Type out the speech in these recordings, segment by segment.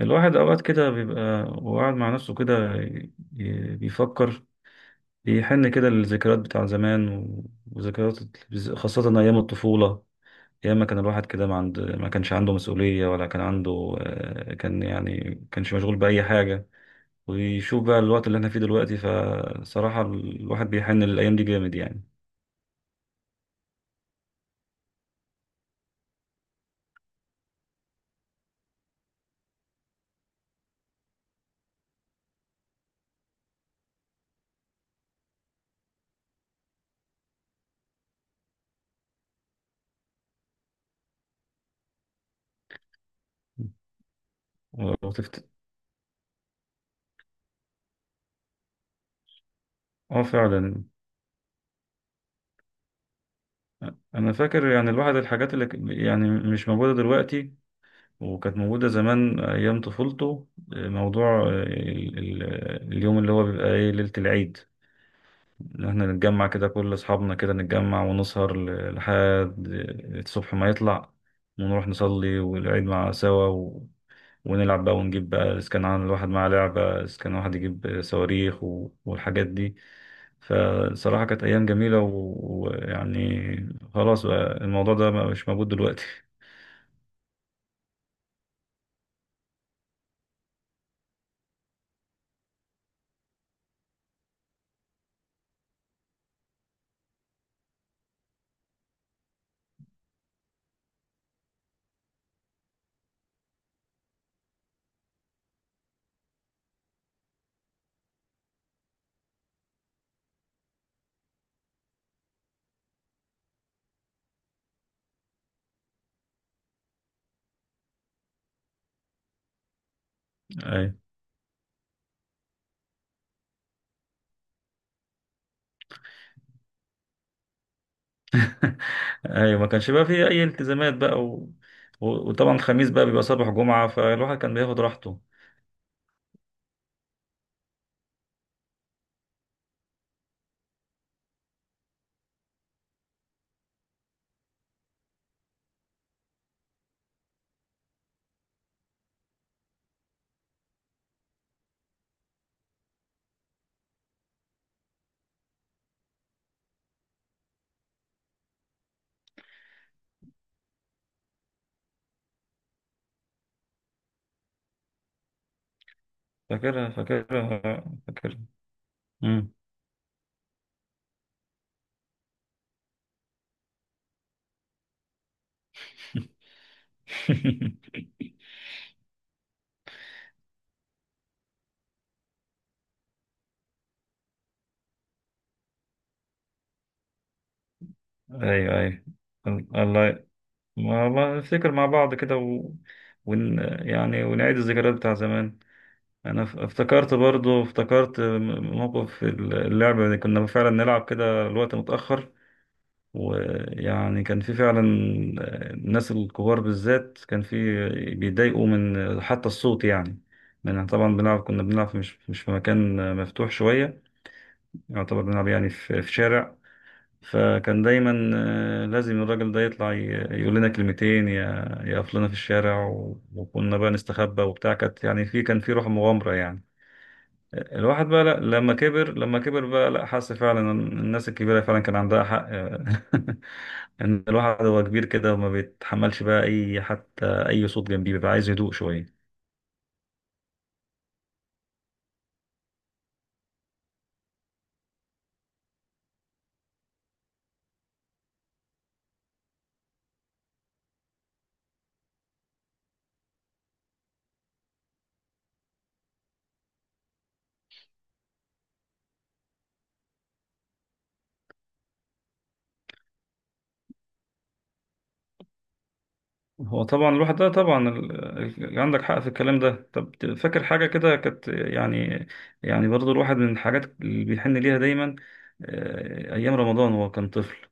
الواحد أوقات كده بيبقى وقاعد مع نفسه كده بيفكر، بيحن كده للذكريات بتاع زمان وذكريات، خاصة أيام الطفولة. أيام ما كان الواحد كده، ما كانش عنده مسؤولية ولا كان عنده، كان يعني كانش مشغول بأي حاجة. ويشوف بقى الوقت اللي احنا فيه دلوقتي، فصراحة الواحد بيحن للأيام دي جامد يعني. ولو تفت... اه، فعلا. أنا فاكر يعني الواحد الحاجات اللي يعني مش موجودة دلوقتي وكانت موجودة زمان أيام طفولته. موضوع اليوم اللي هو بيبقى إيه، ليلة العيد، إن إحنا نتجمع كده كل أصحابنا كده، نتجمع ونسهر لحد الصبح ما يطلع، ونروح نصلي والعيد مع سوا و... ونلعب بقى، ونجيب بقى إذا كان عن الواحد معاه لعبة، إذا كان واحد يجيب صواريخ و... والحاجات دي. فصراحة كانت أيام جميلة ويعني، خلاص بقى الموضوع ده مش موجود دلوقتي. ايوه، ما كانش بقى فيه اي التزامات بقى و... و... وطبعا الخميس بقى بيبقى صباح جمعة، فالواحد كان بياخد راحته. فاكرها، فاكرها، فاكرها. مم. ايوه، ايوه. الله. ما نفتكر مع بعض كده و... ون... يعني ونعيد الذكريات بتاع زمان. انا افتكرت، برضو افتكرت موقف اللعبة اللي كنا فعلا نلعب كده الوقت متأخر. ويعني كان في فعلا، الناس الكبار بالذات كان في بيضايقوا من حتى الصوت يعني. من طبعا كنا بنلعب مش في مكان مفتوح شوية، يعتبر بنلعب يعني في شارع. فكان دايما لازم الراجل ده يطلع يقول لنا كلمتين، يقف لنا في الشارع، وكنا بقى نستخبى وبتاع، كانت يعني في، كان في روح مغامرة يعني. الواحد بقى، لا لما كبر، بقى لا، حس فعلا ان الناس الكبيرة فعلا كان عندها حق. ان الواحد هو كبير كده وما بيتحملش بقى اي، حتى اي صوت جنبيه بيبقى عايز هدوء شوية. هو طبعا الواحد ده طبعا عندك حق في الكلام ده. طب فاكر حاجة كده كانت يعني، يعني برضو الواحد من الحاجات اللي بيحن ليها دايما، ايام رمضان هو كان طفل.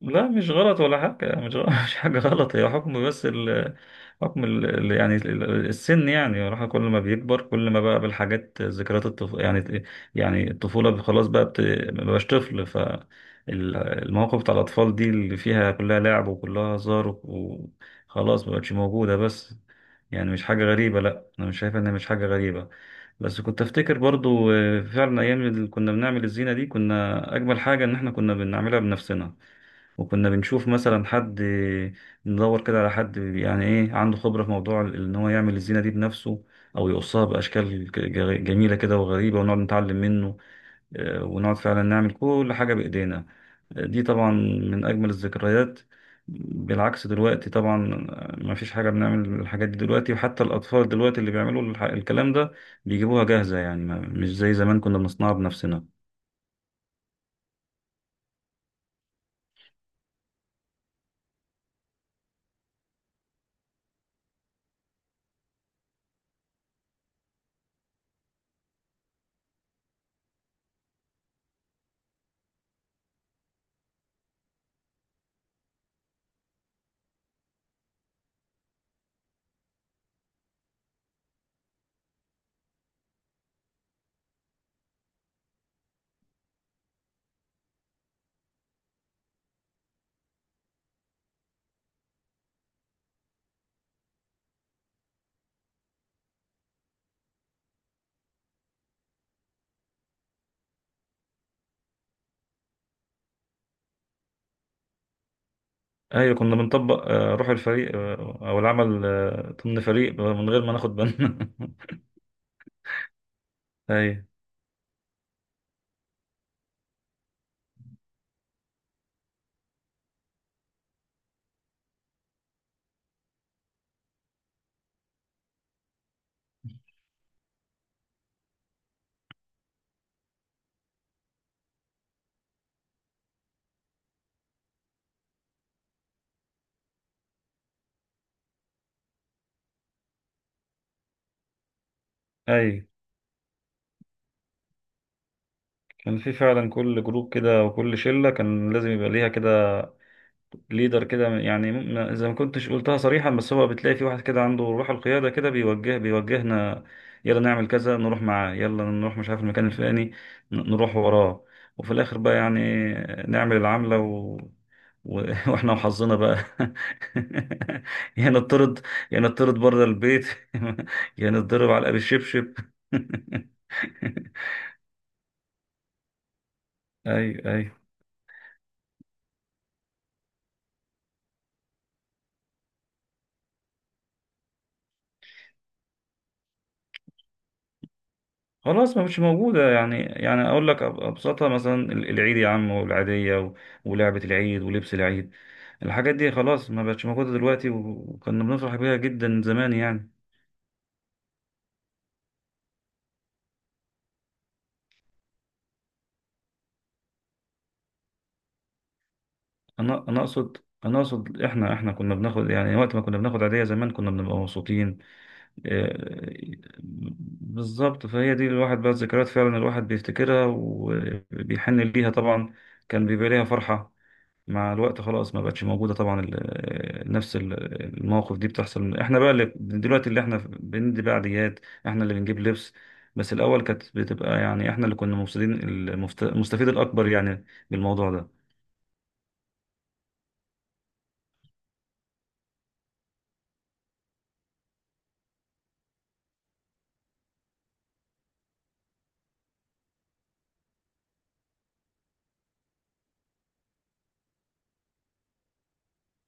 لا، مش غلط ولا حاجة يعني، مش غلط. مش حاجة غلط، هي حكم. بس ال حكم ال السن، يعني الواحد كل ما بيكبر كل ما بقى بالحاجات، ذكريات الطف... يعني، يعني الطفولة خلاص بقى بت... ما بقاش طفل. فالمواقف بتاع الأطفال دي اللي فيها كلها لعب وكلها هزار و- وخلاص ما بقتش موجودة، بس يعني مش حاجة غريبة. لا، أنا مش شايف إنها مش حاجة غريبة. بس كنت افتكر برضو، فعلا ايام اللي كنا بنعمل الزينه دي، كنا اجمل حاجه ان احنا كنا بنعملها بنفسنا. وكنا بنشوف مثلا حد، ندور كده على حد يعني ايه عنده خبرة في موضوع ان هو يعمل الزينة دي بنفسه، او يقصها باشكال جميلة كده وغريبة، ونقعد نتعلم منه. ونقعد فعلا نعمل كل حاجة بايدينا. دي طبعا من اجمل الذكريات. بالعكس دلوقتي طبعا، ما فيش حاجة بنعمل الحاجات دي دلوقتي. وحتى الأطفال دلوقتي اللي بيعملوا الكلام ده بيجيبوها جاهزة يعني، مش زي زمان كنا بنصنعها بنفسنا. ايوه، كنا بنطبق روح الفريق، او العمل ضمن فريق، من غير ما ناخد بالنا. ايوه، ايوه. كان في فعلا كل جروب كده وكل شله كان لازم يبقى ليها كده ليدر كده، يعني زي ما كنتش قلتها صريحا، بس هو بتلاقي في واحد كده عنده روح القيادة كده، بيوجهنا يلا نعمل كذا، نروح معاه، يلا نروح مش عارف المكان الفلاني، نروح وراه. وفي الآخر بقى يعني نعمل العملة و... و... واحنا وحظنا بقى. يا نطرد يا نطرد بره البيت. يا نتضرب علقة بالشبشب. ايوه، ايوه. خلاص ما مش موجودة يعني أقول لك أبسطها، مثلا العيد يا عم، والعيدية ولعبة العيد ولبس العيد. الحاجات دي خلاص ما بقتش موجودة دلوقتي، و- وكنا بنفرح بيها جدا زمان يعني. أنا أقصد، أنا أقصد إحنا كنا بناخد يعني، وقت ما كنا بناخد عيدية زمان كنا بنبقى مبسوطين. آه، بالظبط. فهي دي، الواحد بقى الذكريات فعلا الواحد بيفتكرها وبيحن ليها طبعا، كان بيبقى ليها فرحة. مع الوقت خلاص ما بقتش موجودة طبعا، المواقف دي بتحصل. احنا بقى اللي دلوقتي، اللي احنا بندي بقى عيديات، احنا اللي بنجيب لبس، بس الأول كانت بتبقى يعني احنا اللي كنا مفسدين، المستفيد الأكبر يعني بالموضوع ده.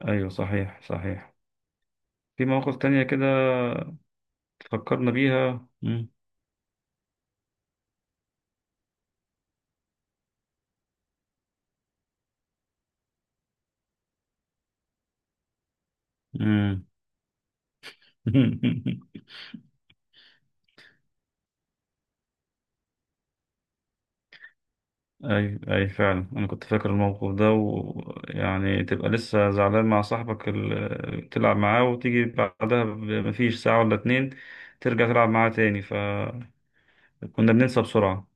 أيوه، صحيح، صحيح. في مواقف تانية كده فكرنا بيها. مم. مم. اي، اي، فعلا انا كنت فاكر الموقف ده. ويعني تبقى لسه زعلان مع صاحبك اللي بتلعب معاه، وتيجي بعدها مفيش ساعة ولا اتنين ترجع تلعب معاه تاني، فكنا بننسى بسرعة.